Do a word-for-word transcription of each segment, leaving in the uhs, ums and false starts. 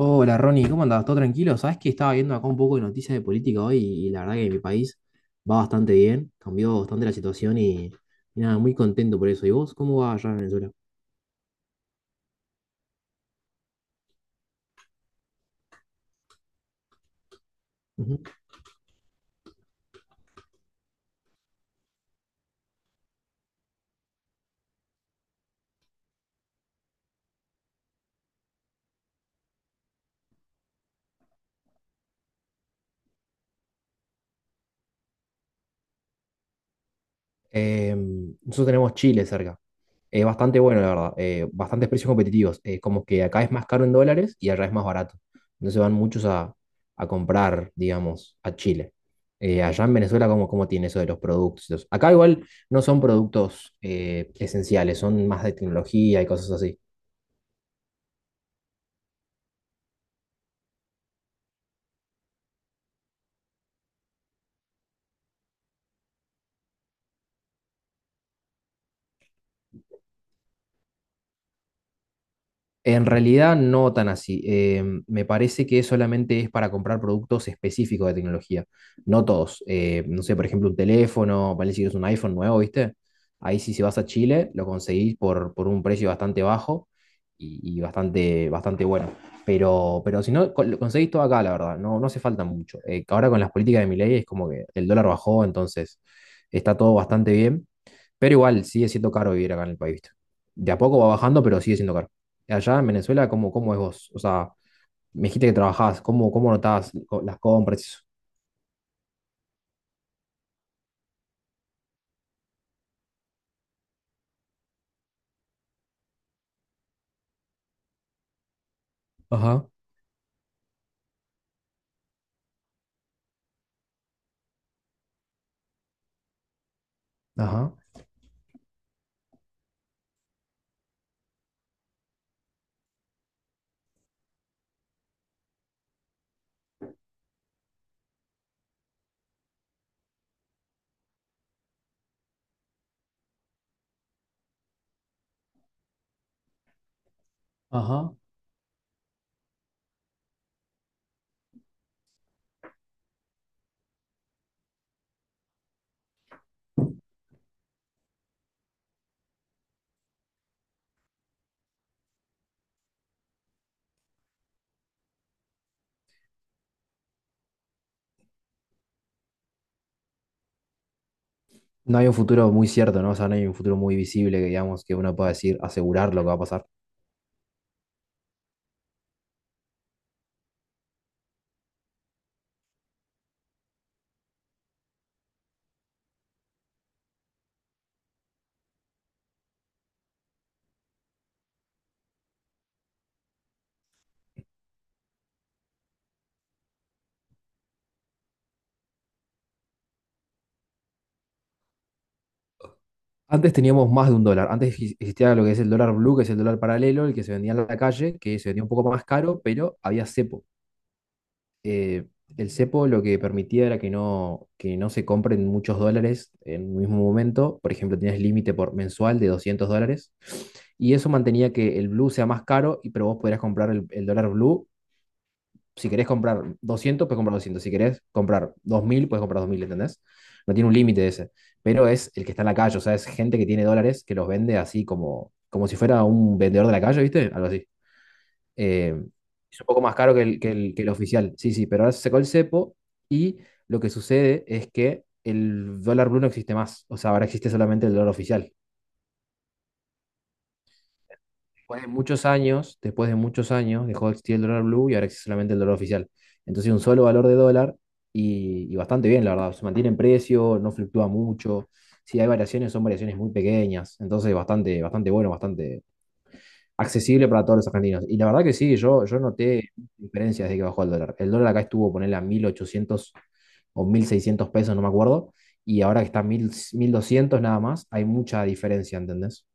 Hola Ronnie, ¿cómo andás? ¿Todo tranquilo? Sabes que estaba viendo acá un poco de noticias de política hoy y la verdad que mi país va bastante bien, cambió bastante la situación y, y nada, muy contento por eso. ¿Y vos cómo va allá en Venezuela? Eh, nosotros tenemos Chile cerca. Es bastante bueno, la verdad. eh, bastantes precios competitivos. Eh, como que acá es más caro en dólares y allá es más barato. Entonces van muchos a, a, comprar, digamos, a Chile. Eh, allá en Venezuela, ¿cómo, cómo tiene eso de los productos? Los- Acá igual no son productos eh, esenciales, son más de tecnología y cosas así. En realidad no tan así. Eh, me parece que solamente es para comprar productos específicos de tecnología, no todos. Eh, no sé, por ejemplo, un teléfono, vale si es un iPhone nuevo, ¿viste? Ahí sí, si vas a Chile, lo conseguís por, por, un precio bastante bajo y, y bastante, bastante bueno. Pero, pero si no, co- lo conseguís todo acá, la verdad, no, no hace falta mucho. Eh, ahora con las políticas de Milei es como que el dólar bajó, entonces está todo bastante bien. Pero igual sigue siendo caro vivir acá en el país, ¿viste? De a poco va bajando, pero sigue siendo caro allá en Venezuela. ¿cómo, cómo, es vos? O sea, me dijiste que trabajás, ¿cómo, cómo notás co- las compras y eso? Ajá, ajá. Ajá. No hay un futuro muy cierto, ¿no? O sea, no hay un futuro muy visible que digamos que uno pueda decir, asegurar lo que va a pasar. Antes teníamos más de un dólar. Antes exi- existía lo que es el dólar blue, que es el dólar paralelo, el que se vendía en la calle, que se vendía un poco más caro, pero había cepo. eh, el cepo lo que permitía era que no, que no, se compren muchos dólares en un mismo momento. Por ejemplo, tenías límite por mensual de doscientos dólares. Y eso mantenía que el blue sea más caro, y, pero vos podrías comprar el, el dólar blue. Si querés comprar doscientos, puedes comprar doscientos. Si querés comprar dos mil, puedes comprar dos mil. ¿Entendés? No tiene un límite ese. Pero es el que está en la calle, o sea, es gente que tiene dólares que los vende así como, como, si fuera un vendedor de la calle, ¿viste? Algo así. Eh, es un poco más caro que el, que el, que el oficial. Sí, sí, pero ahora se sacó el cepo y lo que sucede es que el dólar blue no existe más. O sea, ahora existe solamente el dólar oficial. Después de muchos años, después de muchos años, dejó de existir el dólar blue y ahora existe solamente el dólar oficial. Entonces, un solo valor de dólar y, y bastante bien, la verdad. Se mantiene en precio, no fluctúa mucho. Si hay variaciones, son variaciones muy pequeñas. Entonces, bastante, bastante bueno, bastante, accesible para todos los argentinos. Y la verdad que sí, yo, yo noté diferencias desde que bajó el dólar. El dólar acá estuvo, ponerle a mil ochocientos o mil seiscientos pesos, no me acuerdo, y ahora que está a mil mil doscientos nada más, hay mucha diferencia, ¿entendés?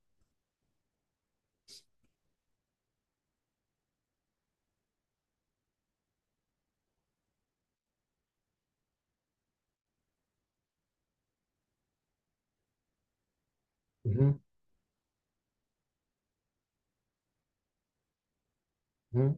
Ujú, ujú,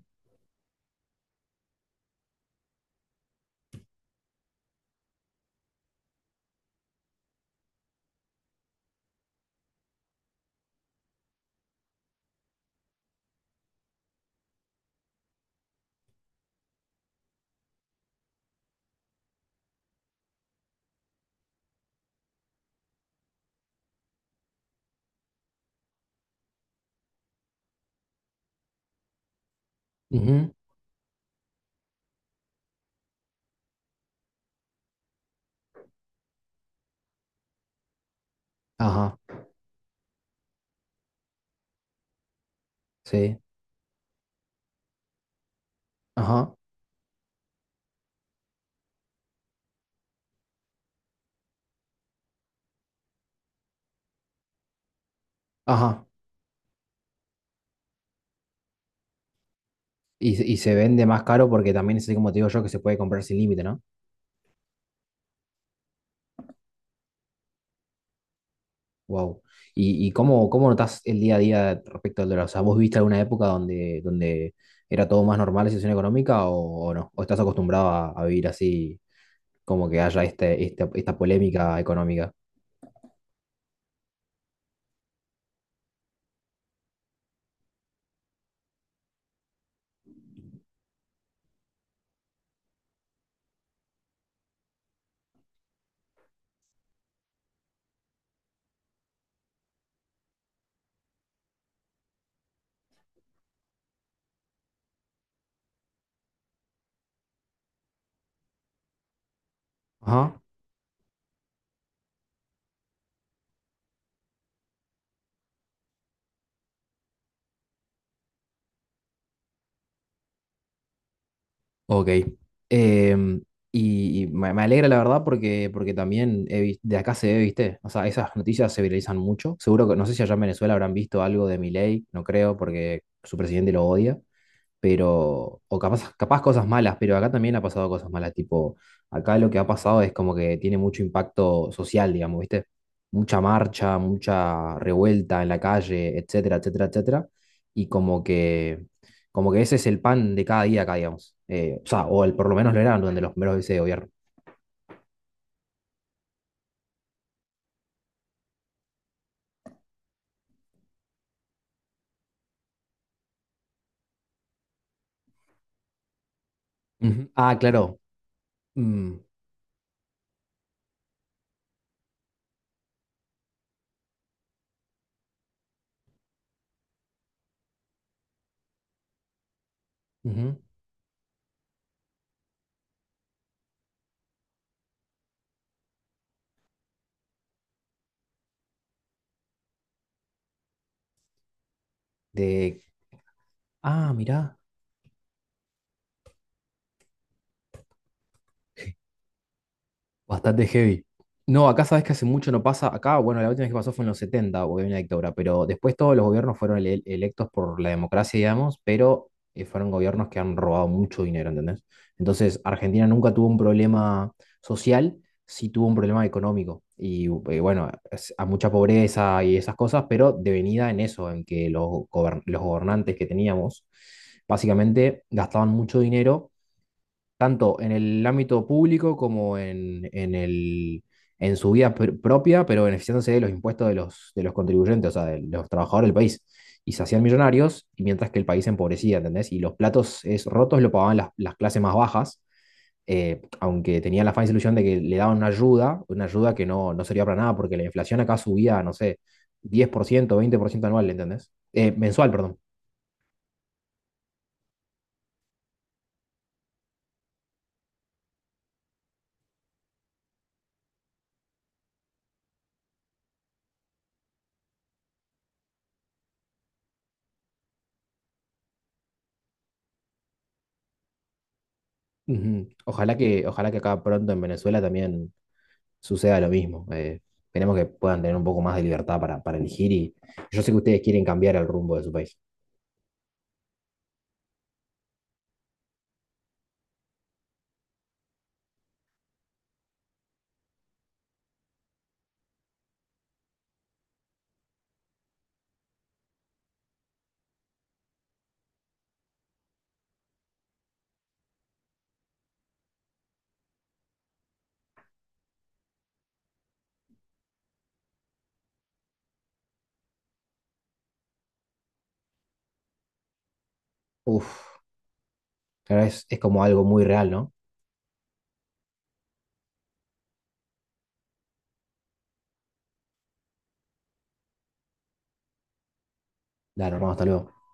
ujú. Ajá, sí, ajá, ajá. Y, se- y se vende más caro porque también es así como te digo yo que se puede comprar sin límite, ¿no? Wow. ¿Y, y cómo, cómo, notás el día a día respecto al dólar? O sea, ¿vos viste alguna época donde, donde, era todo más normal la situación económica o, o, no? ¿O estás acostumbrado a, a vivir así, como que haya este, este- esta polémica económica? Ajá. Ok. Em, y y me, me alegra la verdad porque, porque también he vis- de acá se ve, ¿viste? O sea, esas noticias se viralizan mucho. Seguro que, no sé si allá en Venezuela habrán visto algo de Milei, no creo, porque su presidente lo odia. Pero, o capaz, capaz cosas malas, pero acá también ha pasado cosas malas, tipo, acá lo que ha pasado es como que tiene mucho impacto social, digamos, ¿viste? Mucha marcha, mucha revuelta en la calle, etcétera, etcétera, etcétera, y como que, como que ese es el pan de cada día acá, digamos. Eh, o sea, o el, por lo menos lo era durante los primeros meses de gobierno. Ujú. Ah, claro. Mm, ujú. De, ah, mirá. Bastante heavy. No, acá sabes que hace mucho no pasa. Acá, bueno, la última vez que pasó fue en los setenta porque había una dictadura, pero después todos los gobiernos fueron ele- electos por la democracia, digamos, pero eh, fueron gobiernos que han robado mucho dinero, ¿entendés? Entonces, Argentina nunca tuvo un problema social, sí tuvo un problema económico. Y eh, bueno, es- a mucha pobreza y esas cosas, pero devenida en eso, en que los, gobern- los gobernantes que teníamos, básicamente gastaban mucho dinero tanto en el ámbito público como en, en el, en su vida pr- propia, pero beneficiándose de los impuestos de los, de los, contribuyentes, o sea, de los trabajadores del país. Y se hacían millonarios, y mientras que el país se empobrecía, ¿entendés? Y los platos es, rotos lo pagaban las, las, clases más bajas, eh, aunque tenían la falsa ilusión de que le daban una ayuda, una ayuda que no, no servía para nada, porque la inflación acá subía, no sé, diez por ciento veinte por ciento anual, ¿entendés? Eh, mensual, perdón. Ujú. Ojalá que, ojalá que acá pronto en Venezuela también suceda lo mismo. Eh, esperemos que puedan tener un poco más de libertad para, para, elegir y yo sé que ustedes quieren cambiar el rumbo de su país. Uf, la verdad es, es como algo muy real, ¿no? Dale, hermano, hasta luego.